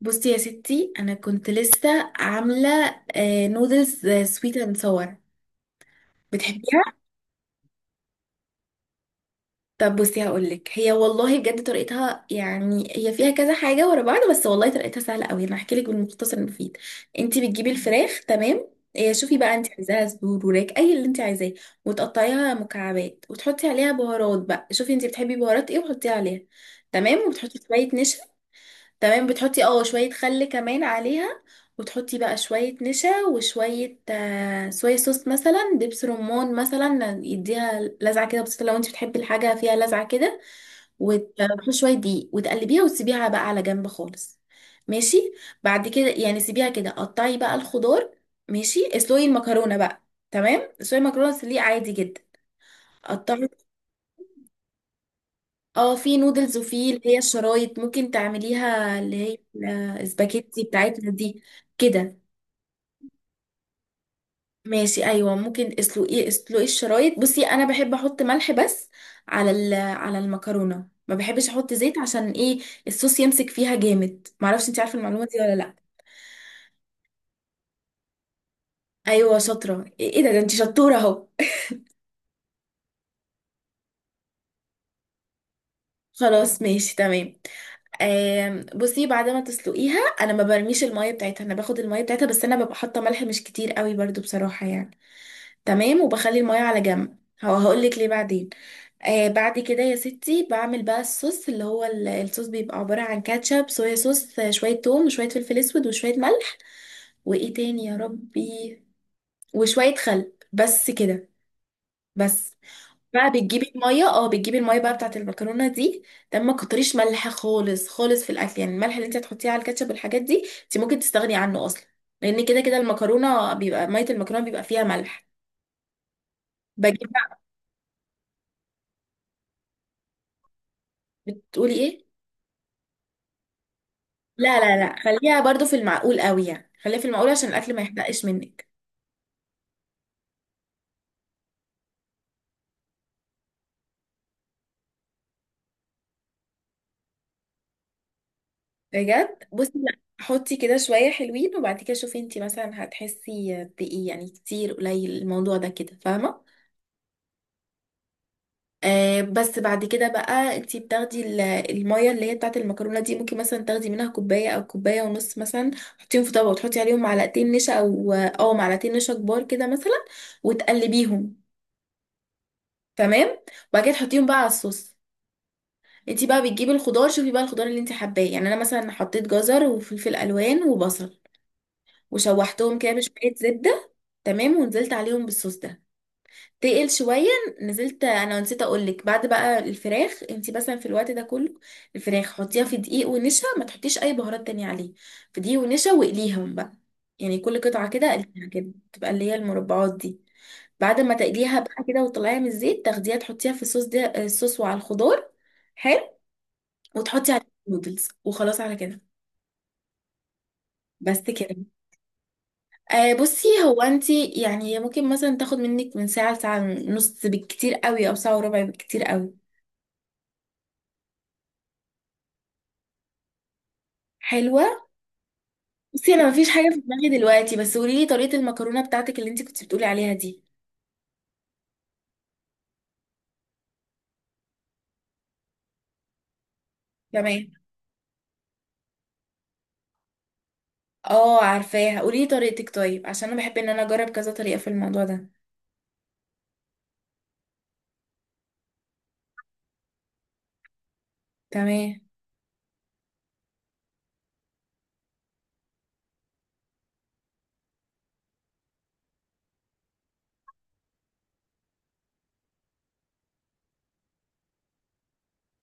بصي يا ستي، انا كنت لسه عامله نودلز سويت اند صور. بتحبيها؟ طب بصي هقولك، هي والله بجد طريقتها، يعني هي فيها كذا حاجه ورا بعض، بس والله طريقتها سهله قوي. انا هحكي لك بالمختصر المفيد. انت بتجيبي الفراخ. تمام. شوفي بقى، انت عايزاها صدور، وراك، اي اللي انت عايزاه. وتقطعيها مكعبات وتحطي عليها بهارات. بقى شوفي انت بتحبي بهارات ايه وحطيها عليها. تمام. وبتحطي شويه نشا. تمام. بتحطي شوية خل كمان عليها. وتحطي بقى شوية نشا وشوية صويا صوص، مثلا دبس رمان، مثلا يديها لذعة كده بسيطة لو انت بتحبي الحاجة فيها لذعة كده. وتحطي شوية دقيق وتقلبيها وتسيبيها بقى على جنب خالص. ماشي. بعد كده يعني سيبيها كده. قطعي بقى الخضار. ماشي. اسلقي المكرونة بقى. تمام. اسلقي المكرونة سليق عادي جدا. قطعي. اه، في نودلز، وفي اللي هي الشرايط ممكن تعمليها، اللي هي الاسباجيتي بتاعتنا دي كده. ماشي، ايوه. ممكن اسلقي الشرايط. بصي انا بحب احط ملح بس على المكرونه، ما بحبش احط زيت. عشان ايه؟ الصوص يمسك فيها جامد. معرفش انت عارفه المعلومه دي ولا لا. ايوه شاطره. ايه؟ إيه ده انت شطوره اهو. خلاص، ماشي، تمام. بصي، بعد ما تسلقيها انا ما برميش الميه بتاعتها، انا باخد الميه بتاعتها، بس انا ببقى حاطه ملح مش كتير قوي برضو بصراحه يعني. تمام. وبخلي الميه على جنب. هو هقولك ليه بعدين. بعد كده يا ستي بعمل بقى الصوص، اللي هو الصوص بيبقى عباره عن كاتشب، صويا صوص، شويه توم، وشويه فلفل اسود، وشويه ملح، وايه تاني يا ربي، وشويه خل، بس كده، بس. بقى بتجيبي الميه بقى بتاعت المكرونه دي. تمام. ما كتريش ملح خالص خالص في الاكل، يعني الملح اللي انت هتحطيه على الكاتشب والحاجات دي انت ممكن تستغني عنه اصلا. لان كده كده المكرونه بيبقى ميه المكرونه بيبقى فيها ملح. بجيب بقى. بتقولي ايه؟ لا، لا، لا، خليها برضو في المعقول قوي، يعني خليها في المعقول عشان الاكل ما يحرقش منك. بجد. بصي لا، حطي كده شويه حلوين وبعد كده شوفي انت مثلا هتحسي بايه، يعني كتير قليل، الموضوع ده كده، فاهمه؟ بس بعد كده بقى انتي بتاخدي المية اللي هي بتاعت المكرونة دي، ممكن مثلا تاخدي منها كوباية او كوباية ونص، مثلا تحطيهم في طبق وتحطي عليهم معلقتين نشا او معلقتين نشا كبار كده مثلا، وتقلبيهم. تمام. وبعد كده تحطيهم بقى على الصوص. انتي بقى بتجيبي الخضار، شوفي بقى الخضار اللي انتي حباه. يعني انا مثلا حطيت جزر وفلفل الوان وبصل وشوحتهم كده بشوية زبدة. تمام. ونزلت عليهم بالصوص ده. تقل شوية. نزلت. انا نسيت اقولك، بعد بقى الفراخ انتي مثلا في الوقت ده كله الفراخ حطيها في دقيق ونشا، ما تحطيش اي بهارات تانية عليه، في دقيق ونشا، واقليهم بقى. يعني كل قطعة كده قليها كده، تبقى اللي هي المربعات دي. بعد ما تقليها بقى كده وتطلعيها من الزيت، تاخديها تحطيها في الصوص ده، الصوص وعلى الخضار. حلو. وتحطي عليه النودلز وخلاص على كده. بس كده. بصي هو انتي يعني ممكن مثلا تاخد منك من ساعة لساعة ونص بالكتير قوي، او ساعة وربع بالكتير قوي. حلوة. بصي انا مفيش حاجه في دماغي دلوقتي، بس قولي لي طريقه المكرونه بتاعتك اللي انت كنت بتقولي عليها دي. تمام. اه عارفاها، قولي لي طريقتك طيب، عشان انا بحب ان انا اجرب كذا طريقه في الموضوع ده. تمام.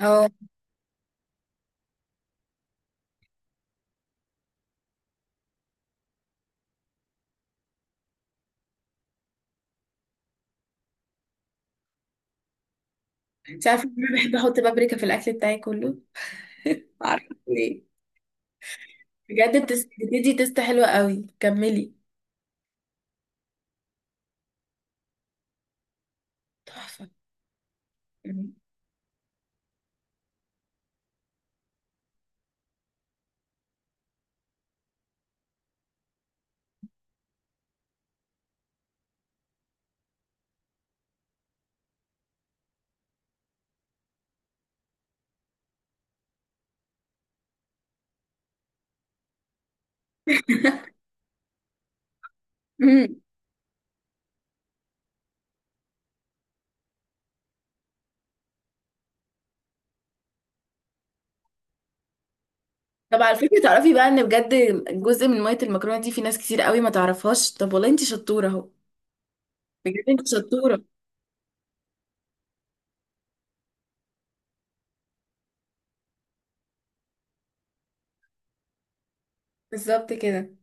اه، انت عارفه ان انا بحب احط بابريكا في الاكل بتاعي كله؟ عارفه ليه؟ بجد بتدي تيست حلوه قوي. كملي. تحفه. أمم. طب على فكره تعرفي بقى، ان بجد جزء من ميه المكرونه دي في ناس كتير قوي ما تعرفهاش. طب والله انت شطوره اهو. بجد انت شطوره. بالظبط كده.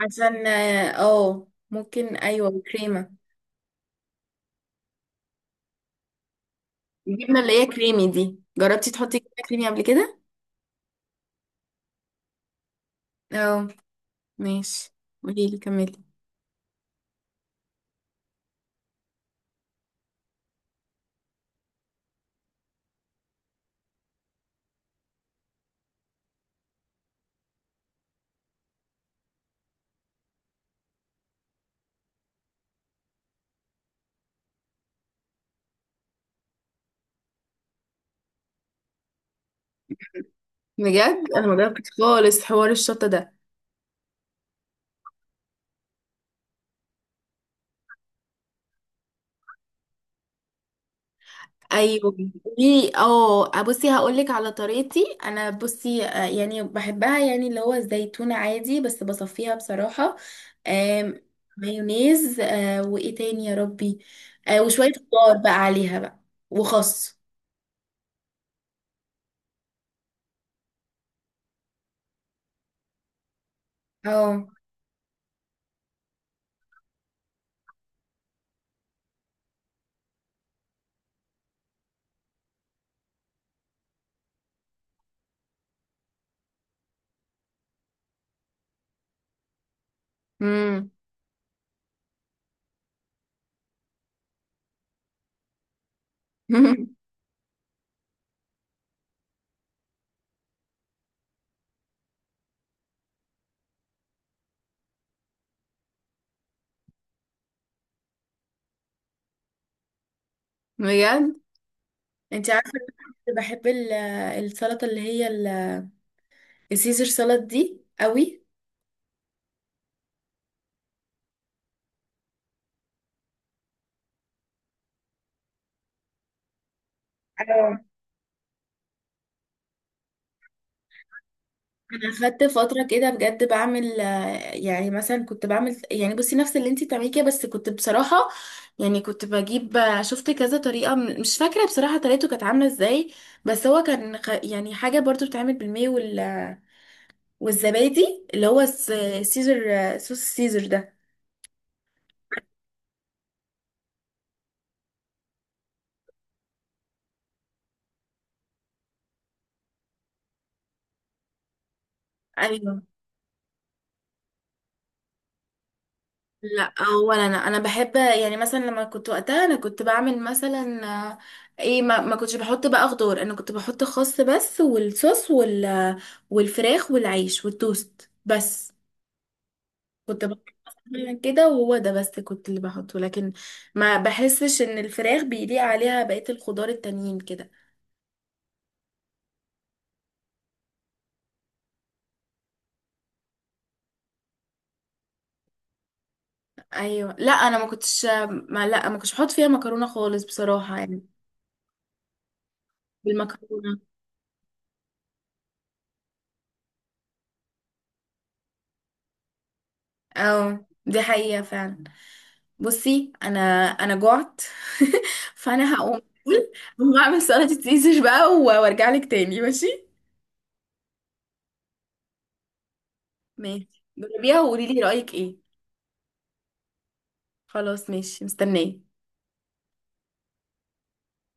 عشان ممكن، ايوه كريمه. الجبنه اللي هي كريمي دي، جربتي تحطي جبنه كريمي قبل كده؟ اه، ماشي. قولي لي، كملي. بجد انا ما جربتش خالص حوار الشطه ده. ايوه. قولي. اه بصي هقول لك على طريقتي. انا بصي، يعني بحبها، يعني اللي هو الزيتون عادي بس بصفيها بصراحه. آم، مايونيز، وايه تاني يا ربي، وشويه خضار بقى عليها بقى، وخس. اه، امم. بجد، انت عارفه، كنت بحب السلطه اللي هي السيزر سلطه دي قوي. اه، انا خدت فتره كده بجد بعمل، يعني مثلا كنت بعمل، يعني بصي نفس اللي انت بتعمليه كده بس كنت بصراحه يعني كنت بجيب شفت كذا طريقه، مش فاكره بصراحه طريقته كانت عامله ازاي. بس هو كان يعني حاجه برضو بتتعمل بالماء والزبادي اللي هو سيزر، صوص السيزر ده. ايوه لا. اولا انا بحب، يعني مثلا لما كنت وقتها انا كنت بعمل مثلا آه، ايه، ما كنتش بحط بقى خضار، انا كنت بحط خس بس والصوص والفراخ والعيش والتوست بس كنت بحط. مثلاً كده، وهو ده بس كنت اللي بحطه، لكن ما بحسش ان الفراخ بيليق عليها بقية الخضار التانيين كده. ايوه لا. انا ما كنتش بحط فيها مكرونة خالص بصراحة يعني. بالمكرونة. اه، دي حقيقة فعلا. بصي انا جعت. فانا هقوم اقول هقوم اعمل سلطه سيزر بقى وارجع لك تاني، ماشي؟ ماشي. جربيها وقولي لي رايك ايه. خلاص، ماشي، مستنيه.